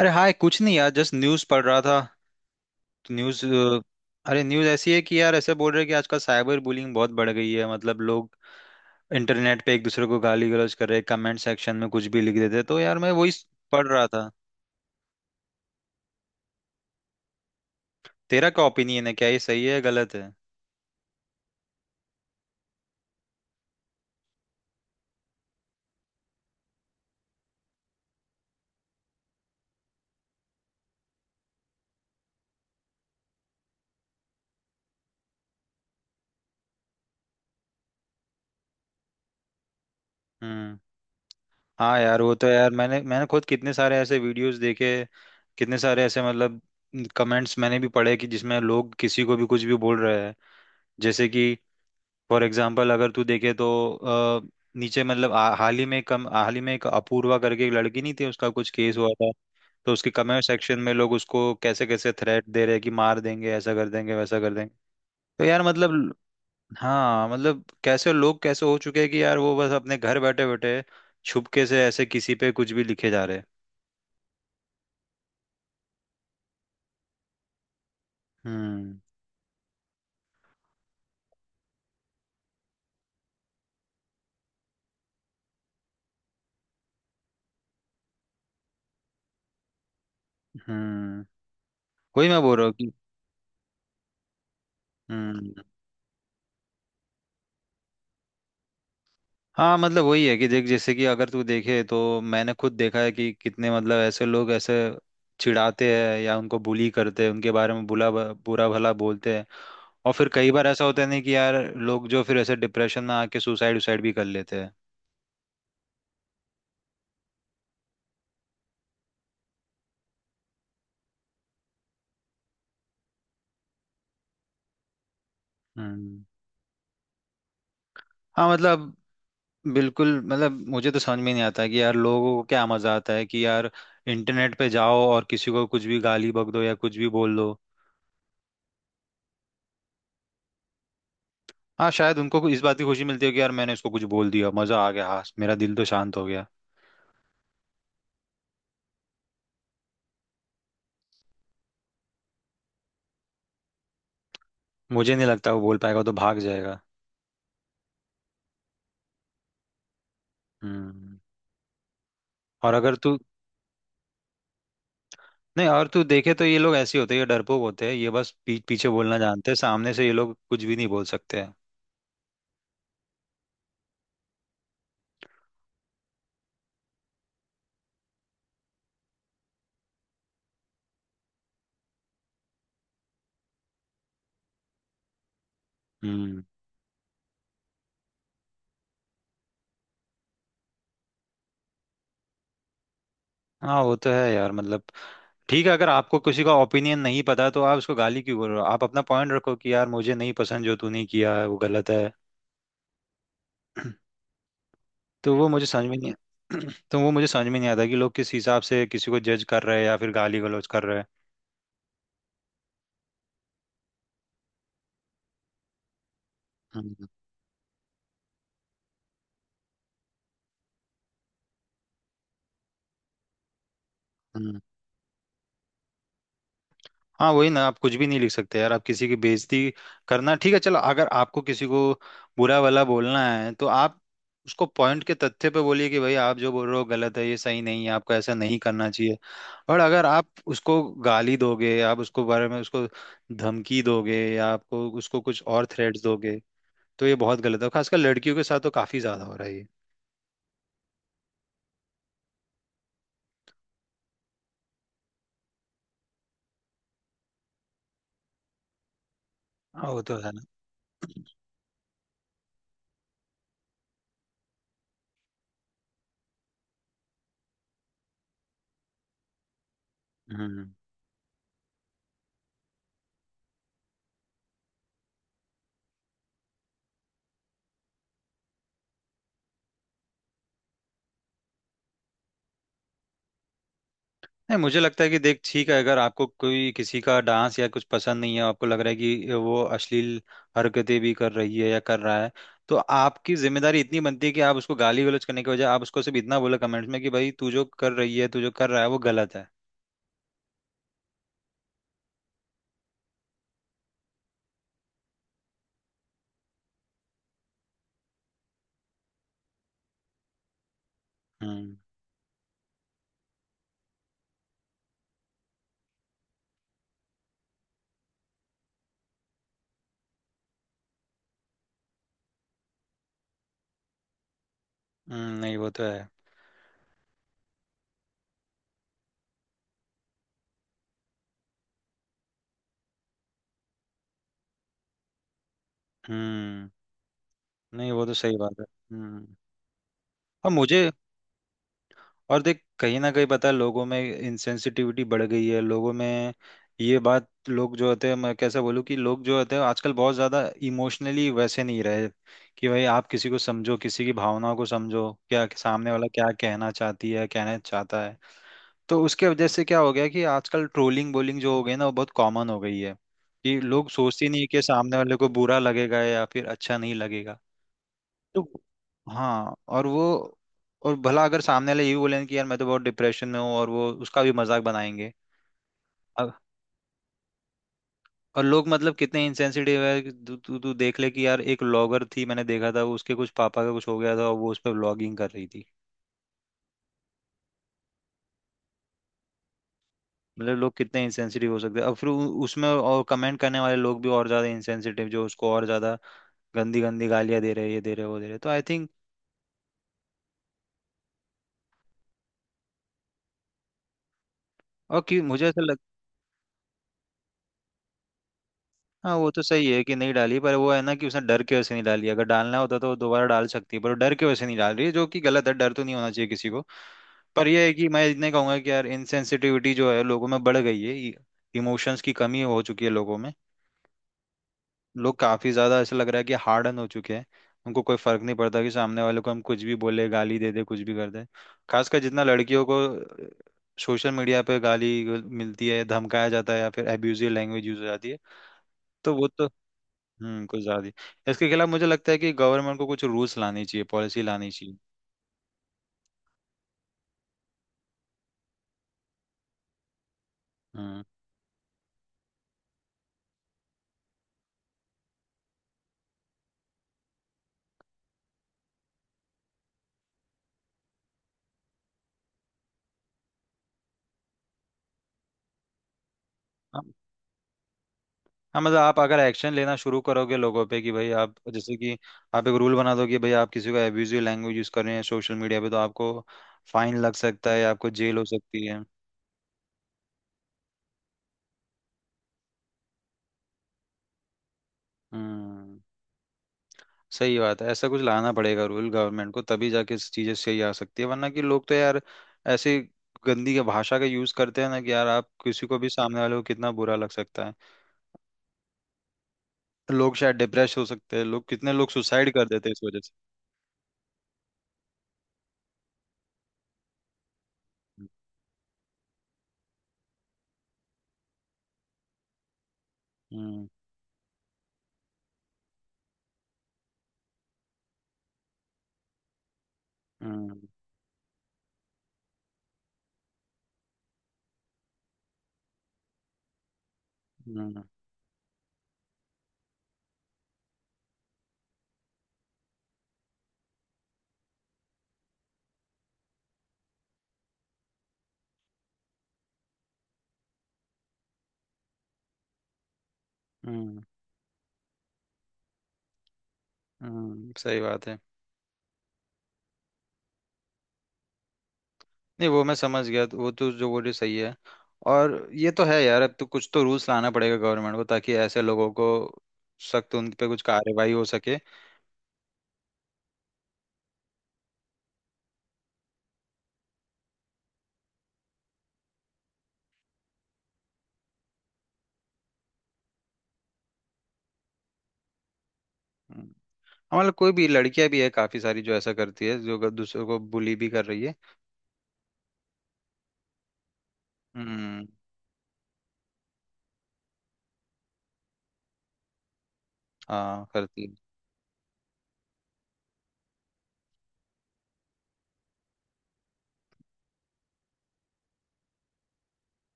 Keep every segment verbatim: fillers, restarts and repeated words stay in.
अरे हाय, कुछ नहीं यार, जस्ट न्यूज़ पढ़ रहा था। तो न्यूज़ अ, अरे, न्यूज़ ऐसी है कि यार, ऐसे बोल रहे हैं कि आजकल साइबर बुलिंग बहुत बढ़ गई है। मतलब लोग इंटरनेट पे एक दूसरे को गाली गलौज कर रहे हैं, कमेंट सेक्शन में कुछ भी लिख देते हैं। तो यार मैं वही स- पढ़ रहा था। तेरा क्या ओपिनियन है? क्या ये सही है या गलत है? हम्म। हाँ यार, वो तो यार मैंने मैंने खुद कितने सारे ऐसे वीडियोस देखे, कितने सारे ऐसे मतलब कमेंट्स मैंने भी पढ़े कि जिसमें लोग किसी को भी कुछ भी बोल रहे हैं। जैसे कि फॉर एग्जाम्पल अगर तू देखे तो अ, नीचे मतलब आ- हाल ही में कम हाल ही में एक अपूर्वा करके एक लड़की नहीं थी, उसका कुछ केस हुआ था। तो उसके कमेंट सेक्शन में लोग उसको कैसे कैसे थ्रेट दे रहे हैं कि मार देंगे, ऐसा कर देंगे, वैसा कर देंगे। तो यार मतलब हाँ मतलब, कैसे लोग कैसे हो चुके हैं कि यार वो बस अपने घर बैठे बैठे छुपके से ऐसे किसी पे कुछ भी लिखे जा रहे हैं। हम्म। हम्म। वही मैं बोल रहा हूँ कि। हम्म। हाँ मतलब वही है कि देख, जैसे कि अगर तू देखे तो मैंने खुद देखा है कि कितने मतलब ऐसे लोग ऐसे चिढ़ाते हैं या उनको बुली करते हैं, उनके बारे में बुला बुरा भला बोलते हैं। और फिर कई बार ऐसा होता है नहीं कि यार लोग जो फिर ऐसे डिप्रेशन में आके सुसाइड उसाइड भी कर लेते हैं। हम्म। हाँ मतलब बिल्कुल मतलब, मुझे तो समझ में नहीं आता कि यार लोगों को क्या मजा आता है कि यार इंटरनेट पे जाओ और किसी को कुछ भी गाली बक दो या कुछ भी बोल दो। हाँ, शायद उनको इस बात की खुशी मिलती है कि यार मैंने इसको कुछ बोल दिया, मजा आ गया, हाँ मेरा दिल तो शांत हो गया। मुझे नहीं लगता वो बोल पाएगा, वो तो भाग जाएगा। हम्म। और अगर तू। नहीं, और तू देखे तो ये लोग ऐसे ही होते हैं, ये डरपोक होते हैं, ये बस पीठ पीछे बोलना जानते हैं, सामने से ये लोग कुछ भी नहीं बोल सकते हैं। हम्म। हाँ वो तो है यार मतलब। ठीक है, अगर आपको किसी का ओपिनियन नहीं पता तो आप उसको गाली क्यों बोल रहे हो? आप अपना पॉइंट रखो कि यार मुझे नहीं पसंद जो तूने किया है, वो गलत है। तो वो मुझे समझ में नहीं। तो वो मुझे समझ में नहीं आता कि लोग किस हिसाब से किसी को जज कर रहे हैं या फिर गाली गलौज कर रहे हैं। हम्म। हम्म। हाँ वही ना, आप कुछ भी नहीं लिख सकते यार, आप किसी की बेइज्जती करना ठीक है? चलो, अगर आपको किसी को बुरा वाला बोलना है तो आप उसको पॉइंट के तथ्य पे बोलिए कि भाई आप जो बोल रहे हो गलत है, ये सही नहीं है, आपको ऐसा नहीं करना चाहिए। और अगर आप उसको गाली दोगे, आप उसको बारे में उसको धमकी दोगे या आपको उसको कुछ और थ्रेट्स दोगे तो ये बहुत गलत है। खासकर लड़कियों के साथ तो काफी ज्यादा हो रहा है ये। हाँ, वो तो है ना। हम्म। नहीं मुझे लगता है कि देख, ठीक है, अगर आपको कोई किसी का डांस या कुछ पसंद नहीं है, आपको लग रहा है कि वो अश्लील हरकतें भी कर रही है या कर रहा है, तो आपकी जिम्मेदारी इतनी बनती है कि आप उसको गाली गलौज करने के बजाय आप उसको सिर्फ इतना बोलो कमेंट्स में कि भाई तू जो कर रही है, तू जो कर रहा है वो गलत है। हम्म। हम्म, नहीं वो तो है। हम्म। नहीं वो तो सही बात है। हम्म। और मुझे, और देख, कहीं ना कहीं पता है लोगों में इनसेंसिटिविटी बढ़ गई है, लोगों में ये बात, लोग जो होते हैं, मैं कैसे बोलूँ कि लोग जो होते हैं आजकल बहुत ज़्यादा इमोशनली वैसे नहीं रहे कि भाई आप किसी को समझो, किसी की भावनाओं को समझो क्या सामने वाला क्या कहना चाहती है, कहना चाहता है। तो उसके वजह से क्या हो गया कि आजकल ट्रोलिंग बोलिंग जो हो गई ना, वो बहुत कॉमन हो गई है कि लोग सोचते ही नहीं कि सामने वाले को बुरा लगेगा या फिर अच्छा नहीं लगेगा। तो हाँ और वो, और भला अगर सामने वाले ये भी बोलेंगे कि यार मैं तो बहुत डिप्रेशन में हूँ, और वो उसका भी मजाक बनाएंगे। अब- और लोग मतलब कितने इंसेंसिटिव है कि तू तू तू देख ले कि यार, एक व्लॉगर थी, मैंने देखा था, उसके कुछ पापा का कुछ हो गया था और वो उस पर व्लॉगिंग कर रही थी। मतलब लोग कितने इंसेंसिटिव हो सकते हैं। अब फिर उ- उसमें और कमेंट करने वाले लोग भी और ज्यादा इंसेंसिटिव, जो उसको और ज्यादा गंदी गंदी गालियां दे रहे हैं, ये दे रहे हैं, वो दे रहे हैं। तो आई थिंक और कि मुझे ऐसा लग- हाँ वो तो सही है कि नहीं डाली, पर वो है ना कि उसने डर के वजह से नहीं डाली, अगर डालना होता तो वो दोबारा डाल सकती है, पर वो डर के वजह से नहीं डाल रही है, जो कि गलत है। डर तो नहीं होना चाहिए किसी को। पर यह है कि मैं इतने कहूंगा कि यार इनसेंसिटिविटी जो है लोगों में बढ़ गई है, इमोशंस की कमी हो चुकी है लोगों में। लोग काफी ज्यादा ऐसा लग रहा है कि हार्डन हो चुके हैं, उनको कोई फर्क नहीं पड़ता कि सामने वाले को हम कुछ भी बोले, गाली दे दे, कुछ भी कर दे। खासकर जितना लड़कियों को सोशल मीडिया पे गाली मिलती है, धमकाया जाता है या फिर एब्यूजिव लैंग्वेज यूज हो जाती है। तो वो तो हम्म, कुछ ज्यादा ही। इसके खिलाफ मुझे लगता है कि गवर्नमेंट को कुछ रूल्स लानी चाहिए, पॉलिसी लानी चाहिए। हम्म। हम- हाँ मतलब, आप अगर एक्शन लेना शुरू करोगे लोगों पे कि भाई आप, जैसे कि आप एक रूल बना दो कि भाई आप किसी को एब्यूजिव लैंग्वेज यूज कर रहे हैं सोशल मीडिया पे, तो आपको फाइन लग सकता है, आपको जेल हो सकती है। हम्म। सही बात है, ऐसा कुछ लाना पड़ेगा रूल गवर्नमेंट को, तभी जाके इस चीजें सही आ सकती है, वरना कि लोग तो यार ऐसे गंदी के भाषा का यूज करते हैं ना कि यार आप किसी को भी, सामने वाले को कितना बुरा लग सकता है। लोग शायद डिप्रेस हो सकते हैं, लोग, कितने लोग सुसाइड कर देते हैं इस वजह से। हम्म। हम्म। हम्म। हम्म। हम्म, सही बात है। नहीं वो मैं समझ गया, वो तो जो बोल रही सही है। और ये तो है यार, अब तो कुछ तो रूल्स लाना पड़ेगा गवर्नमेंट को ताकि ऐसे लोगों को सख्त उन पे कुछ कार्रवाई हो सके। हम्म। हमारे कोई भी लड़कियां भी है काफी सारी जो ऐसा करती है जो दूसरों को बुली भी कर रही है। हम्म। हाँ करती है।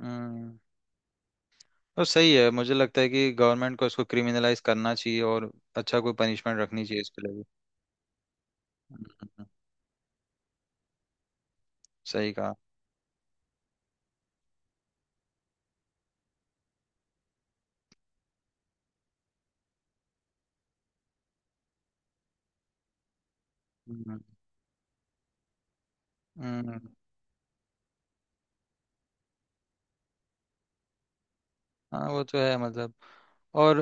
हम्म। और सही है, मुझे लगता है कि गवर्नमेंट को इसको क्रिमिनलाइज करना चाहिए और अच्छा कोई पनिशमेंट रखनी चाहिए इसके लिए भी। हम्म, सही कहा। हम्म। हम्म, हाँ वो तो है मतलब। और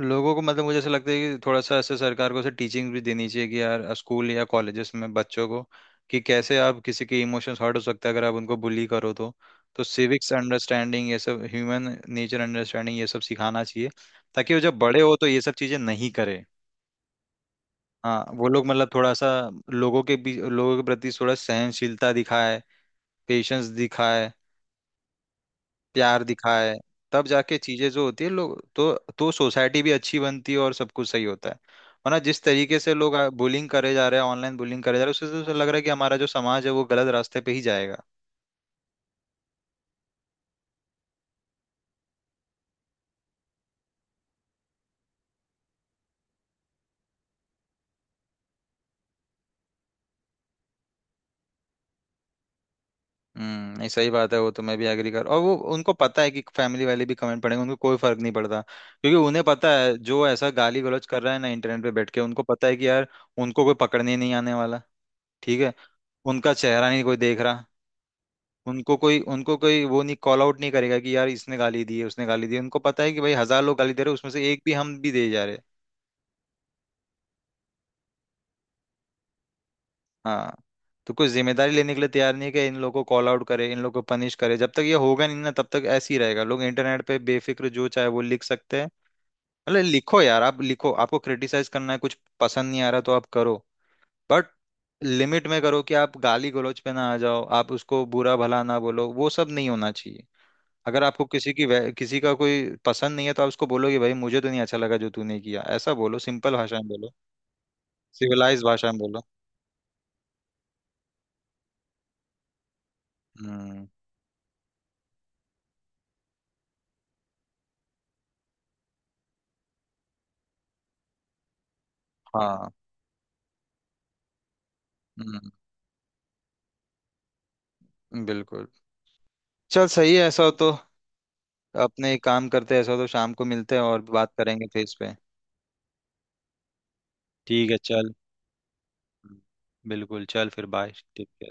अ, लोगों को मतलब, मुझे ऐसा लगता है कि थोड़ा सा ऐसे सरकार को ऐसे टीचिंग भी देनी चाहिए कि यार स्कूल या कॉलेजेस में बच्चों को कि कैसे आप किसी के इमोशंस हर्ट हो सकते हैं अगर आप उनको बुली करो तो। तो सिविक्स अंडरस्टैंडिंग ये सब, ह्यूमन नेचर अंडरस्टैंडिंग ये सब सिखाना चाहिए ताकि वो जब बड़े हो तो ये सब चीज़ें नहीं करे। हाँ वो लोग मतलब थोड़ा सा लोगों के बीच, लोगों के प्रति थोड़ा सहनशीलता दिखाए, पेशेंस दिखाए, प्यार दिखाए। तब जाके चीजें जो होती है लोग तो तो सोसाइटी भी अच्छी बनती है और सब कुछ सही होता है। वरना जिस तरीके से लोग बुलिंग करे जा रहे हैं, ऑनलाइन बुलिंग करे जा रहे हैं, उससे तो लग रहा है कि हमारा जो समाज है वो गलत रास्ते पे ही जाएगा। हम्म। नहीं सही बात है, वो तो मैं भी एग्री कर, और वो उनको पता है कि फैमिली वाले भी कमेंट पढ़ेंगे, उनको कोई फर्क नहीं पड़ता क्योंकि उन्हें पता है जो ऐसा गाली गलौज कर रहा है ना इंटरनेट पे बैठ के, उनको पता है कि यार उनको कोई पकड़ने नहीं आने वाला। ठीक है, उनका चेहरा नहीं कोई देख रहा, उनको कोई, उनको कोई वो नहीं, कॉल आउट नहीं करेगा कि यार इसने गाली दी है, उसने गाली दी है। उनको पता है कि भाई हजार लोग गाली दे रहे हैं उसमें से एक भी, हम भी दे जा रहे हैं। हाँ। तो कोई जिम्मेदारी लेने के लिए तैयार नहीं है कि इन लोगों को कॉल आउट करे, इन लोगों को पनिश करे, जब तक ये होगा नहीं ना, तब तक ऐसे ही रहेगा, लोग इंटरनेट पे बेफिक्र जो चाहे वो लिख सकते हैं। अरे लिखो यार, आप लिखो, आपको क्रिटिसाइज करना है, कुछ पसंद नहीं आ रहा तो आप करो, बट लिमिट में करो कि आप गाली गलौज पे ना आ जाओ, आप उसको बुरा भला ना बोलो, वो सब नहीं होना चाहिए। अगर आपको किसी की वै- किसी का कोई पसंद नहीं है तो आप उसको बोलो कि भाई मुझे तो नहीं अच्छा लगा जो तूने किया, ऐसा बोलो, सिंपल भाषा में बोलो, सिविलाइज भाषा में बोलो। हम्म। हाँ। हम्म। बिल्कुल। चल, सही है ऐसा हो तो अपने एक काम करते हैं, ऐसा हो तो शाम को मिलते हैं और बात करेंगे फेस पे। ठीक है चल। हम्म, बिल्कुल, चल फिर बाय, ठीक है।